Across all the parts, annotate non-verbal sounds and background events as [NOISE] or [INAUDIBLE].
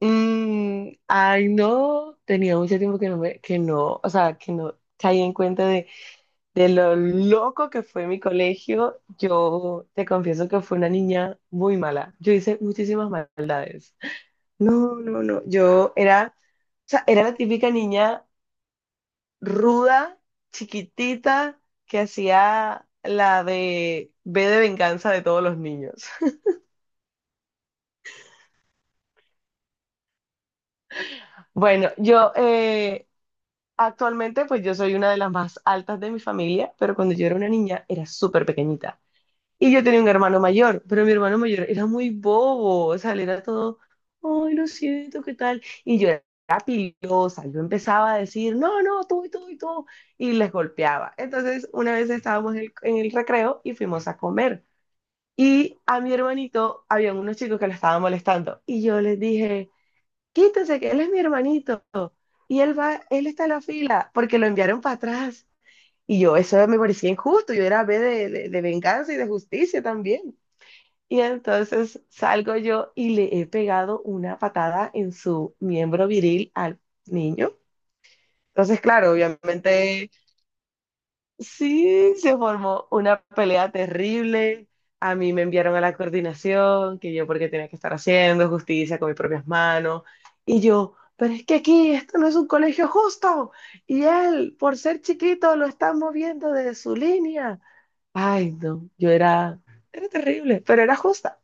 Ay, no, tenía mucho tiempo que no me, que no, o sea, que no caí en cuenta de lo loco que fue mi colegio. Yo te confieso que fui una niña muy mala. Yo hice muchísimas maldades. No, no, no. Yo era, o sea, era la típica niña ruda, chiquitita, que hacía la de B de venganza de todos los niños. [LAUGHS] Bueno, actualmente, pues yo soy una de las más altas de mi familia, pero cuando yo era una niña era súper pequeñita. Y yo tenía un hermano mayor, pero mi hermano mayor era muy bobo, o sea, él era todo, ay, lo siento, ¿qué tal? Y yo era pilosa, yo empezaba a decir, no, no, tú y tú y tú, y les golpeaba. Entonces, una vez estábamos en el recreo y fuimos a comer. Y a mi hermanito había unos chicos que le estaban molestando. Y yo les dije, quítese, que él es mi hermanito. Y él va, él está en la fila porque lo enviaron para atrás. Y yo, eso me parecía injusto, yo era B de venganza y de justicia también. Y entonces salgo yo y le he pegado una patada en su miembro viril al niño. Entonces, claro, obviamente sí, se formó una pelea terrible. A mí me enviaron a la coordinación, que yo porque tenía que estar haciendo justicia con mis propias manos. Y yo, pero es que aquí esto no es un colegio justo. Y él, por ser chiquito, lo están moviendo de su línea. Ay, no, yo era, era terrible, pero era justa.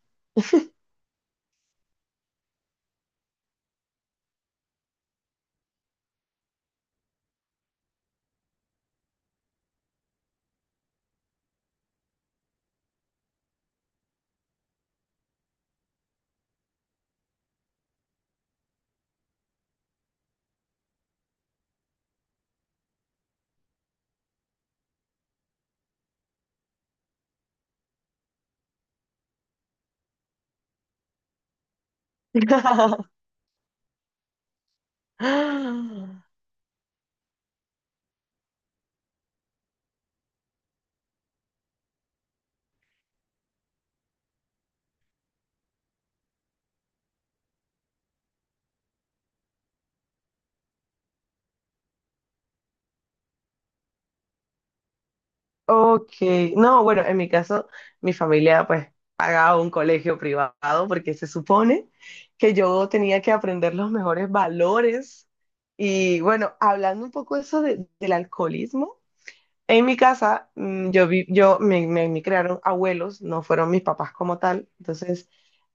[LAUGHS] Ok, no, bueno, en mi caso, mi familia pues pagaba un colegio privado porque se supone que yo tenía que aprender los mejores valores. Y bueno, hablando un poco eso de- del alcoholismo, en mi casa yo vi, yo me crearon abuelos, no fueron mis papás como tal. Entonces,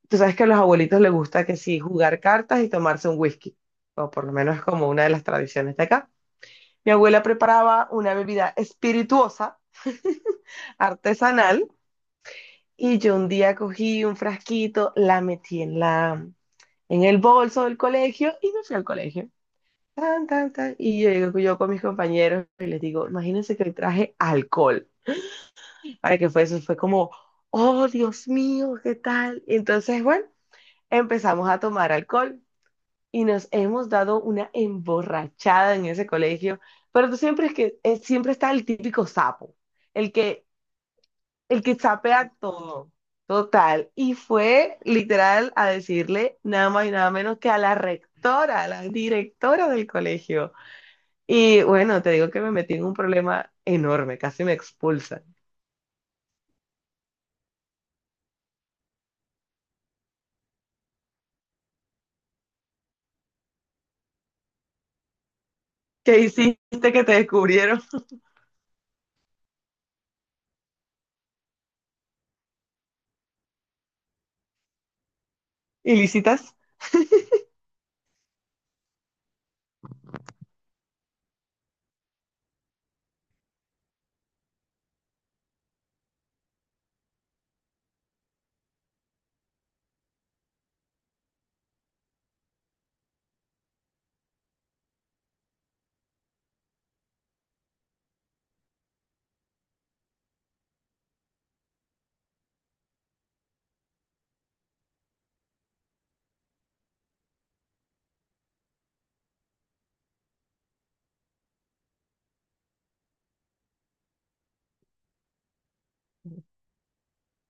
tú sabes que a los abuelitos les gusta que sí, jugar cartas y tomarse un whisky, o por lo menos es como una de las tradiciones de acá. Mi abuela preparaba una bebida espirituosa artesanal. Y yo un día cogí un frasquito, la metí en el bolso del colegio y me fui al colegio. Tan, tan, tan. Y yo llego yo con mis compañeros y les digo, imagínense que hoy traje alcohol. Para que fue eso, fue como, oh, Dios mío, ¿qué tal? Y entonces, bueno, empezamos a tomar alcohol y nos hemos dado una emborrachada en ese colegio. Pero tú siempre es que siempre está el típico sapo, el que el que sapea todo, total. Y fue literal a decirle nada más y nada menos que a la rectora, a la directora del colegio. Y bueno, te digo que me metí en un problema enorme, casi me expulsan. ¿Qué hiciste que te descubrieron ilícitas?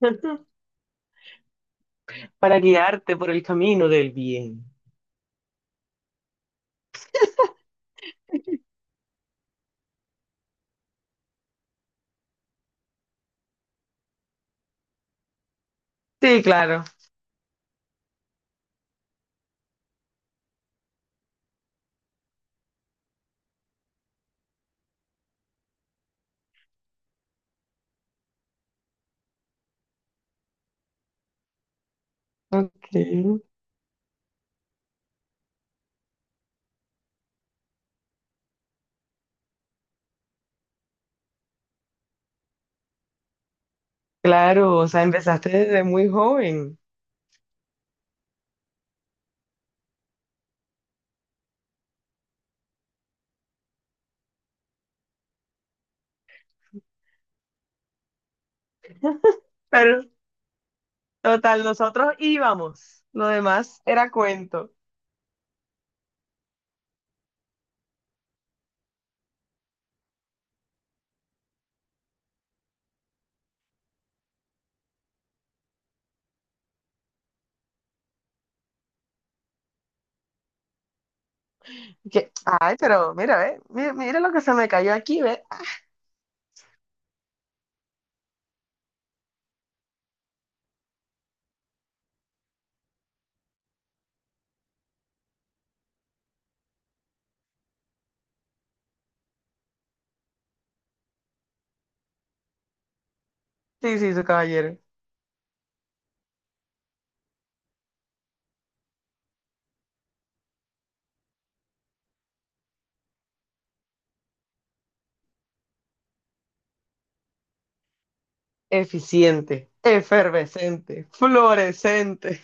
[LAUGHS] Para guiarte por el camino del bien. Sí, claro. Ok, claro, o sea, empezaste desde muy joven. Pero, total, nosotros íbamos. Lo demás era cuento. Que- ay, pero mira, ve, mira, mira lo que se me cayó aquí, ve. Sí, sí, su caballero. Eficiente, efervescente, fluorescente.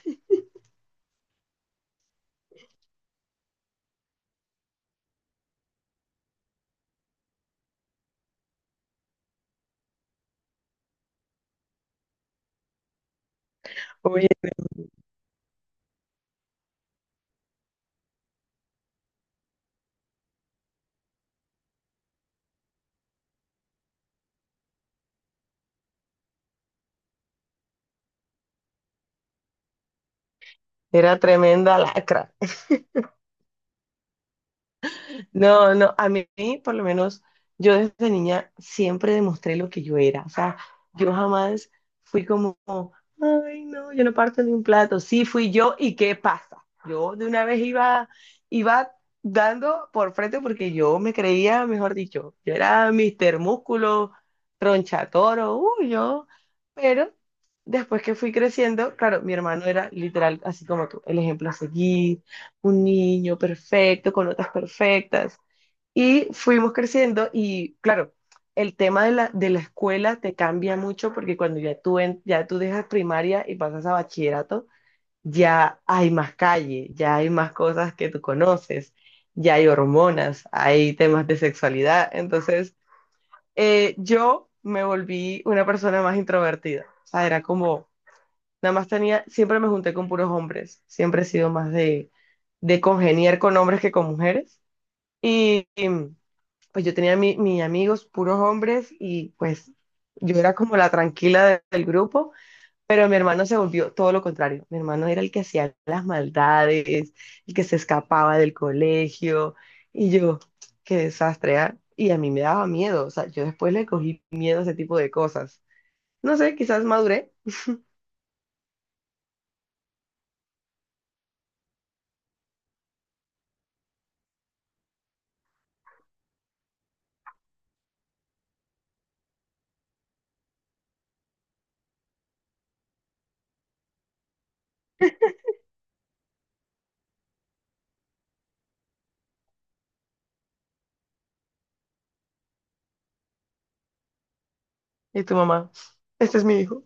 Uy, era tremenda lacra. No, no, a mí, por lo menos, yo desde niña siempre demostré lo que yo era. O sea, yo jamás fui como, ay, no, yo no parto de un plato. Sí, fui yo y ¿qué pasa? Yo de una vez iba, iba dando por frente porque yo me creía, mejor dicho, yo era Mister Músculo, tronchatoro, uy, yo. Pero después que fui creciendo, claro, mi hermano era literal, así como tú, el ejemplo a seguir, un niño perfecto, con notas perfectas. Y fuimos creciendo y claro, el tema de la escuela te cambia mucho porque cuando ya tú, en- ya tú dejas primaria y pasas a bachillerato, ya hay más calle, ya hay más cosas que tú conoces, ya hay hormonas, hay temas de sexualidad. Entonces, yo me volví una persona más introvertida. O sea, era como, nada más tenía, siempre me junté con puros hombres, siempre he sido más de congeniar con hombres que con mujeres. y y pues yo tenía mi- mis amigos puros hombres y pues yo era como la tranquila de- del grupo, pero mi hermano se volvió todo lo contrario. Mi hermano era el que hacía las maldades, el que se escapaba del colegio y yo, qué desastre, ¿ah? Y a mí me daba miedo, o sea, yo después le cogí miedo a ese tipo de cosas. No sé, quizás maduré y tu mamá, este es mi hijo.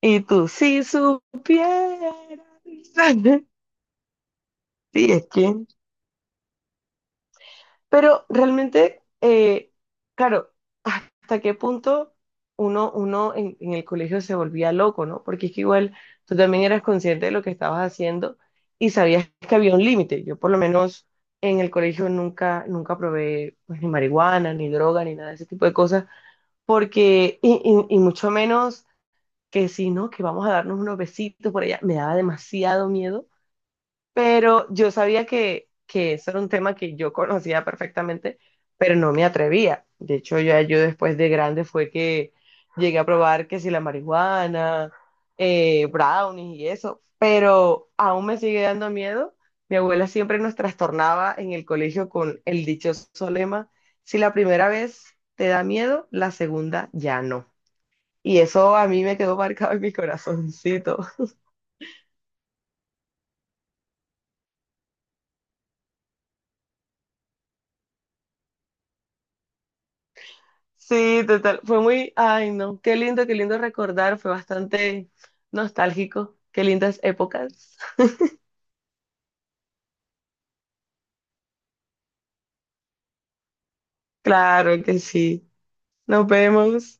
Y tú, si supieras. [LAUGHS] Sí, es que pero realmente, claro, hasta qué punto uno en el colegio se volvía loco, ¿no? Porque es que igual tú también eras consciente de lo que estabas haciendo y sabías que había un límite. Yo por lo menos en el colegio nunca, nunca probé pues, ni marihuana, ni droga, ni nada de ese tipo de cosas, porque, mucho menos que si no, que vamos a darnos unos besitos por allá, me daba demasiado miedo, pero yo sabía que eso era un tema que yo conocía perfectamente, pero no me atrevía. De hecho, ya yo después de grande fue que llegué a probar que si la marihuana, brownies y eso, pero aún me sigue dando miedo. Mi abuela siempre nos trastornaba en el colegio con el dichoso lema, si la primera vez te da miedo, la segunda ya no. Y eso a mí me quedó marcado en mi corazoncito. Sí, total. Fue muy, ay, no, qué lindo recordar. Fue bastante nostálgico. Qué lindas épocas. [LAUGHS] Claro que sí. Nos vemos.